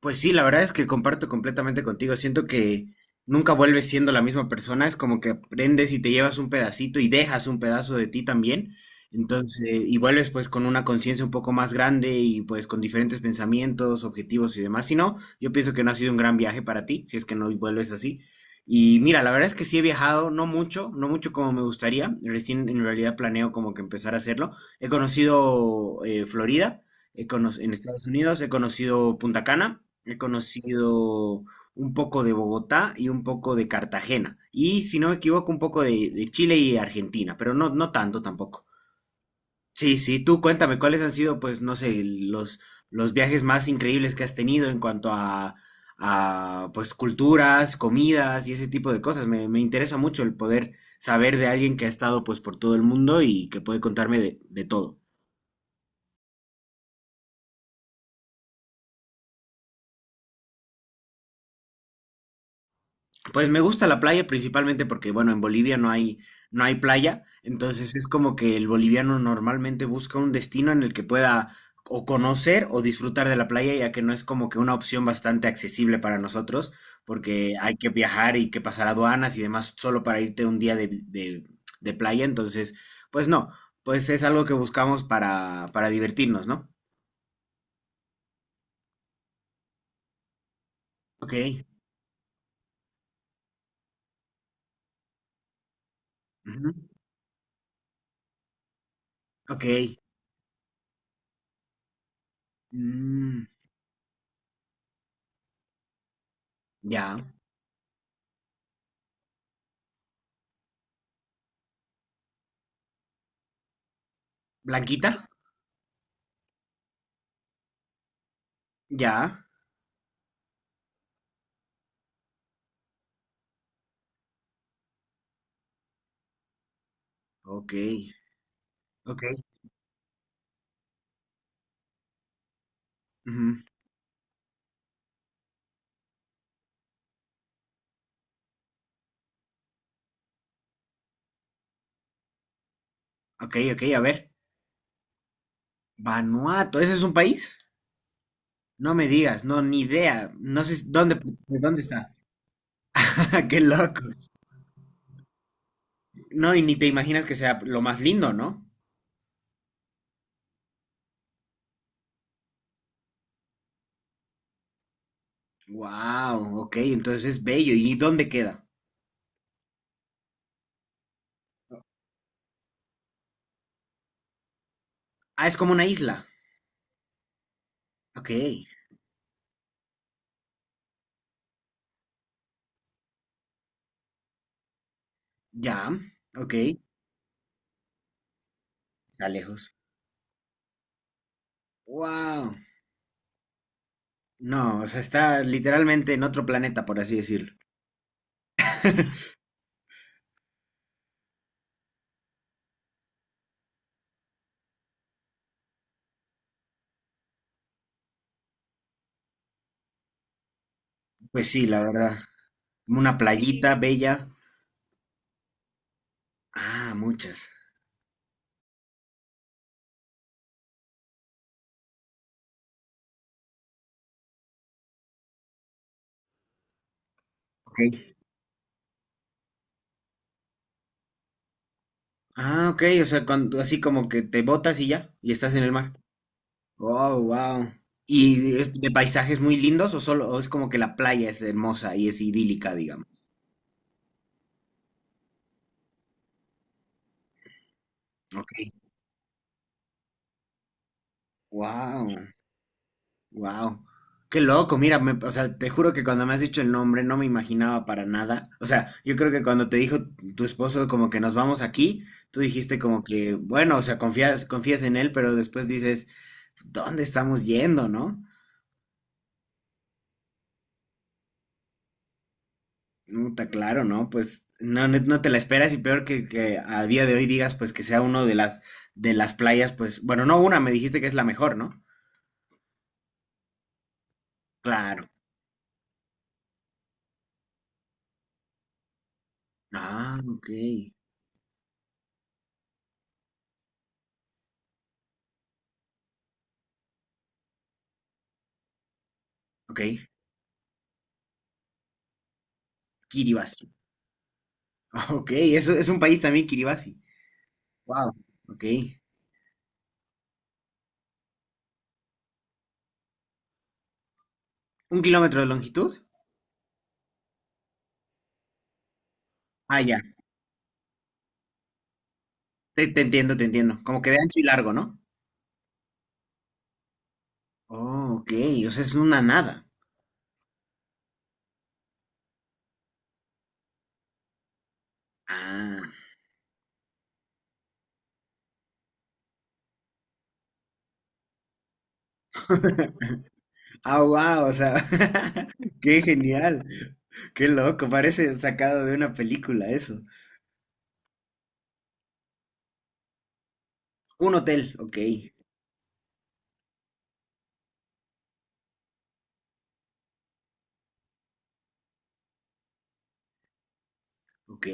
Pues sí, la verdad es que comparto completamente contigo. Siento que nunca vuelves siendo la misma persona. Es como que aprendes y te llevas un pedacito y dejas un pedazo de ti también. Entonces, y vuelves pues con una conciencia un poco más grande y pues con diferentes pensamientos, objetivos y demás. Si no, yo pienso que no ha sido un gran viaje para ti, si es que no vuelves así. Y mira, la verdad es que sí he viajado, no mucho, no mucho como me gustaría. Recién en realidad planeo como que empezar a hacerlo. He conocido Florida. En Estados Unidos he conocido Punta Cana, he conocido un poco de Bogotá y un poco de Cartagena. Y si no me equivoco, un poco de Chile y Argentina, pero no, no tanto tampoco. Sí, sí, tú cuéntame cuáles han sido, pues, no sé, los viajes más increíbles que has tenido en cuanto a, pues, culturas, comidas y ese tipo de cosas. Me interesa mucho el poder saber de alguien que ha estado, pues, por todo el mundo y que puede contarme de todo. Pues me gusta la playa principalmente porque, bueno, en Bolivia no hay playa, entonces es como que el boliviano normalmente busca un destino en el que pueda o conocer o disfrutar de la playa, ya que no es como que una opción bastante accesible para nosotros, porque hay que viajar y que pasar aduanas y demás solo para irte un día de playa, entonces, pues no, pues es algo que buscamos para divertirnos, ¿no? Ok, ujú, ok, mm, ya, Blanquita, ya, ok. Ok, ujú, ok, ok, a ver. Vanuatu, ¿ese es un país? No me digas, no, ni idea. No sé de dónde está. Qué loco. No, y ni te imaginas que sea lo más lindo, ¿no? Wow, ok, entonces es bello. ¿Y dónde queda? Ah, es como una isla. Ok, ya, ok, está lejos. Wow, no, o sea, está literalmente en otro planeta, por así decirlo. Pues sí, la verdad. Una playita bella. Ah, muchas. Ok. Ah, ok, o sea, así como que te botas y ya, y estás en el mar. Oh, wow. ¿Y es de paisajes muy lindos o solo o es como que la playa es hermosa y es idílica, digamos? Ok. Wow, wow. Qué loco, mira, o sea, te juro que cuando me has dicho el nombre no me imaginaba para nada. O sea, yo creo que cuando te dijo tu esposo como que nos vamos aquí, tú dijiste como que, bueno, o sea, confías en él, pero después dices, ¿dónde estamos yendo, no? Está claro, ¿no? Pues no, no, no te la esperas y peor que a día de hoy digas pues que sea uno de las playas, pues, bueno, no una, me dijiste que es la mejor, ¿no? Claro. Ah, ok. Ok. Kiribati. Ok, eso es un país también, Kiribati. Wow. Ok. ¿Un kilómetro de longitud? Ah, ya. Te entiendo, te entiendo. Como que de ancho y largo, ¿no? Oh, ok. O sea, es una nada. Ah. Ah, wow, o sea, qué genial, qué loco, parece sacado de una película eso. Un hotel, ok, ok.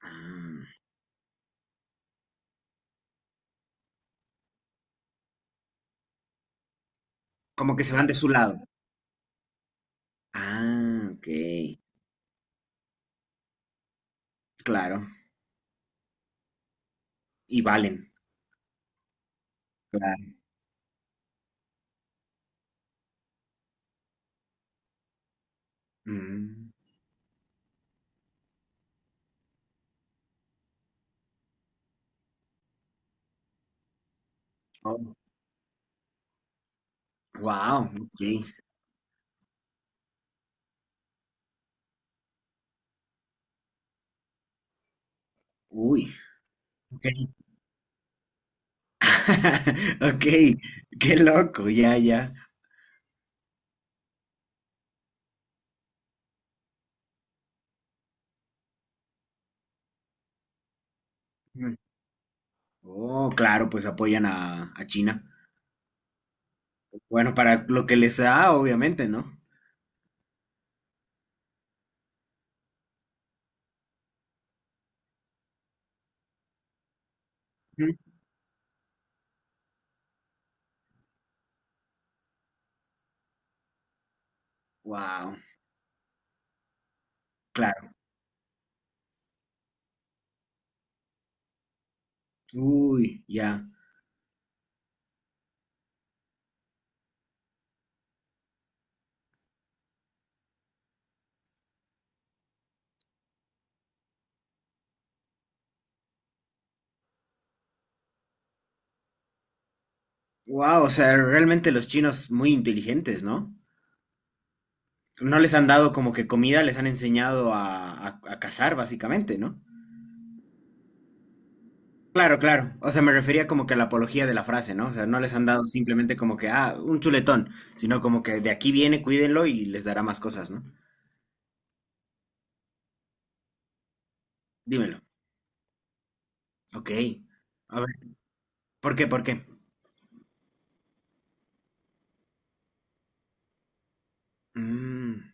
Ah, como que se van de su lado. Ah, ok, claro, y valen, claro. Mm. Oh, wow, ok, uy, ok, ok, qué loco, ya, ya. Mm. Oh, claro, pues apoyan a China. Bueno, para lo que les da, obviamente, ¿no? Wow, claro. Uy, ya. Wow, o sea, realmente los chinos muy inteligentes, ¿no? No les han dado como que comida, les han enseñado a cazar, básicamente, ¿no? Claro, claro. O sea, me refería como que a la apología de la frase, ¿no? O sea, no les han dado simplemente como que, ah, un chuletón, sino como que de aquí viene, cuídenlo y les dará más cosas, ¿no? Dímelo. Ok. A ver, ¿por qué? ¿Por qué? Mm,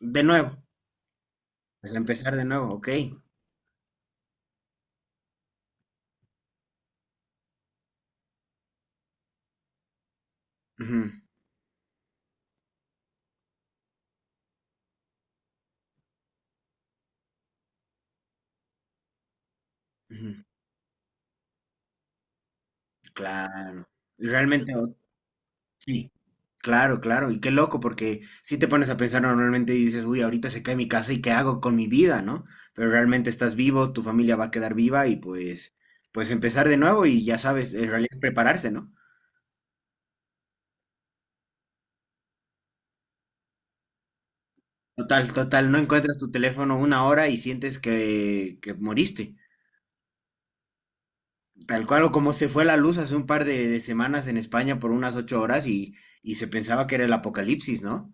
de nuevo. Pues empezar de nuevo, ok. Ujú, ujú. Claro. Realmente, sí, claro, claro, y qué loco, porque si te pones a pensar normalmente y dices, uy, ahorita se cae mi casa y qué hago con mi vida, ¿no? Pero realmente estás vivo, tu familia va a quedar viva y pues empezar de nuevo y ya sabes, en realidad prepararse, ¿no? Total, total, no encuentras tu teléfono una hora y sientes que moriste. Tal cual o como se fue la luz hace un par de semanas en España por unas 8 horas y se pensaba que era el apocalipsis, ¿no?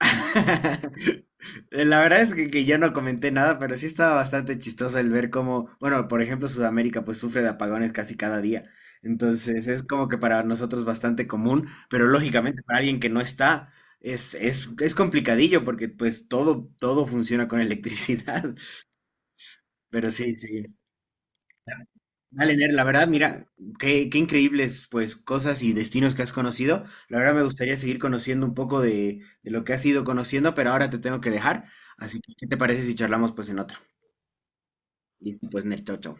La verdad es que yo no comenté nada, pero sí estaba bastante chistoso el ver cómo, bueno, por ejemplo, Sudamérica pues sufre de apagones casi cada día. Entonces es como que para nosotros bastante común, pero lógicamente para alguien que no está es complicadillo porque pues todo, todo funciona con electricidad. Pero sí, sí. Vale, Ner, la verdad, mira, qué increíbles pues cosas y destinos que has conocido. La verdad me gustaría seguir conociendo un poco de lo que has ido conociendo, pero ahora te tengo que dejar. Así que, ¿qué te parece si charlamos pues en otro? Listo, pues Ner, chao, chao.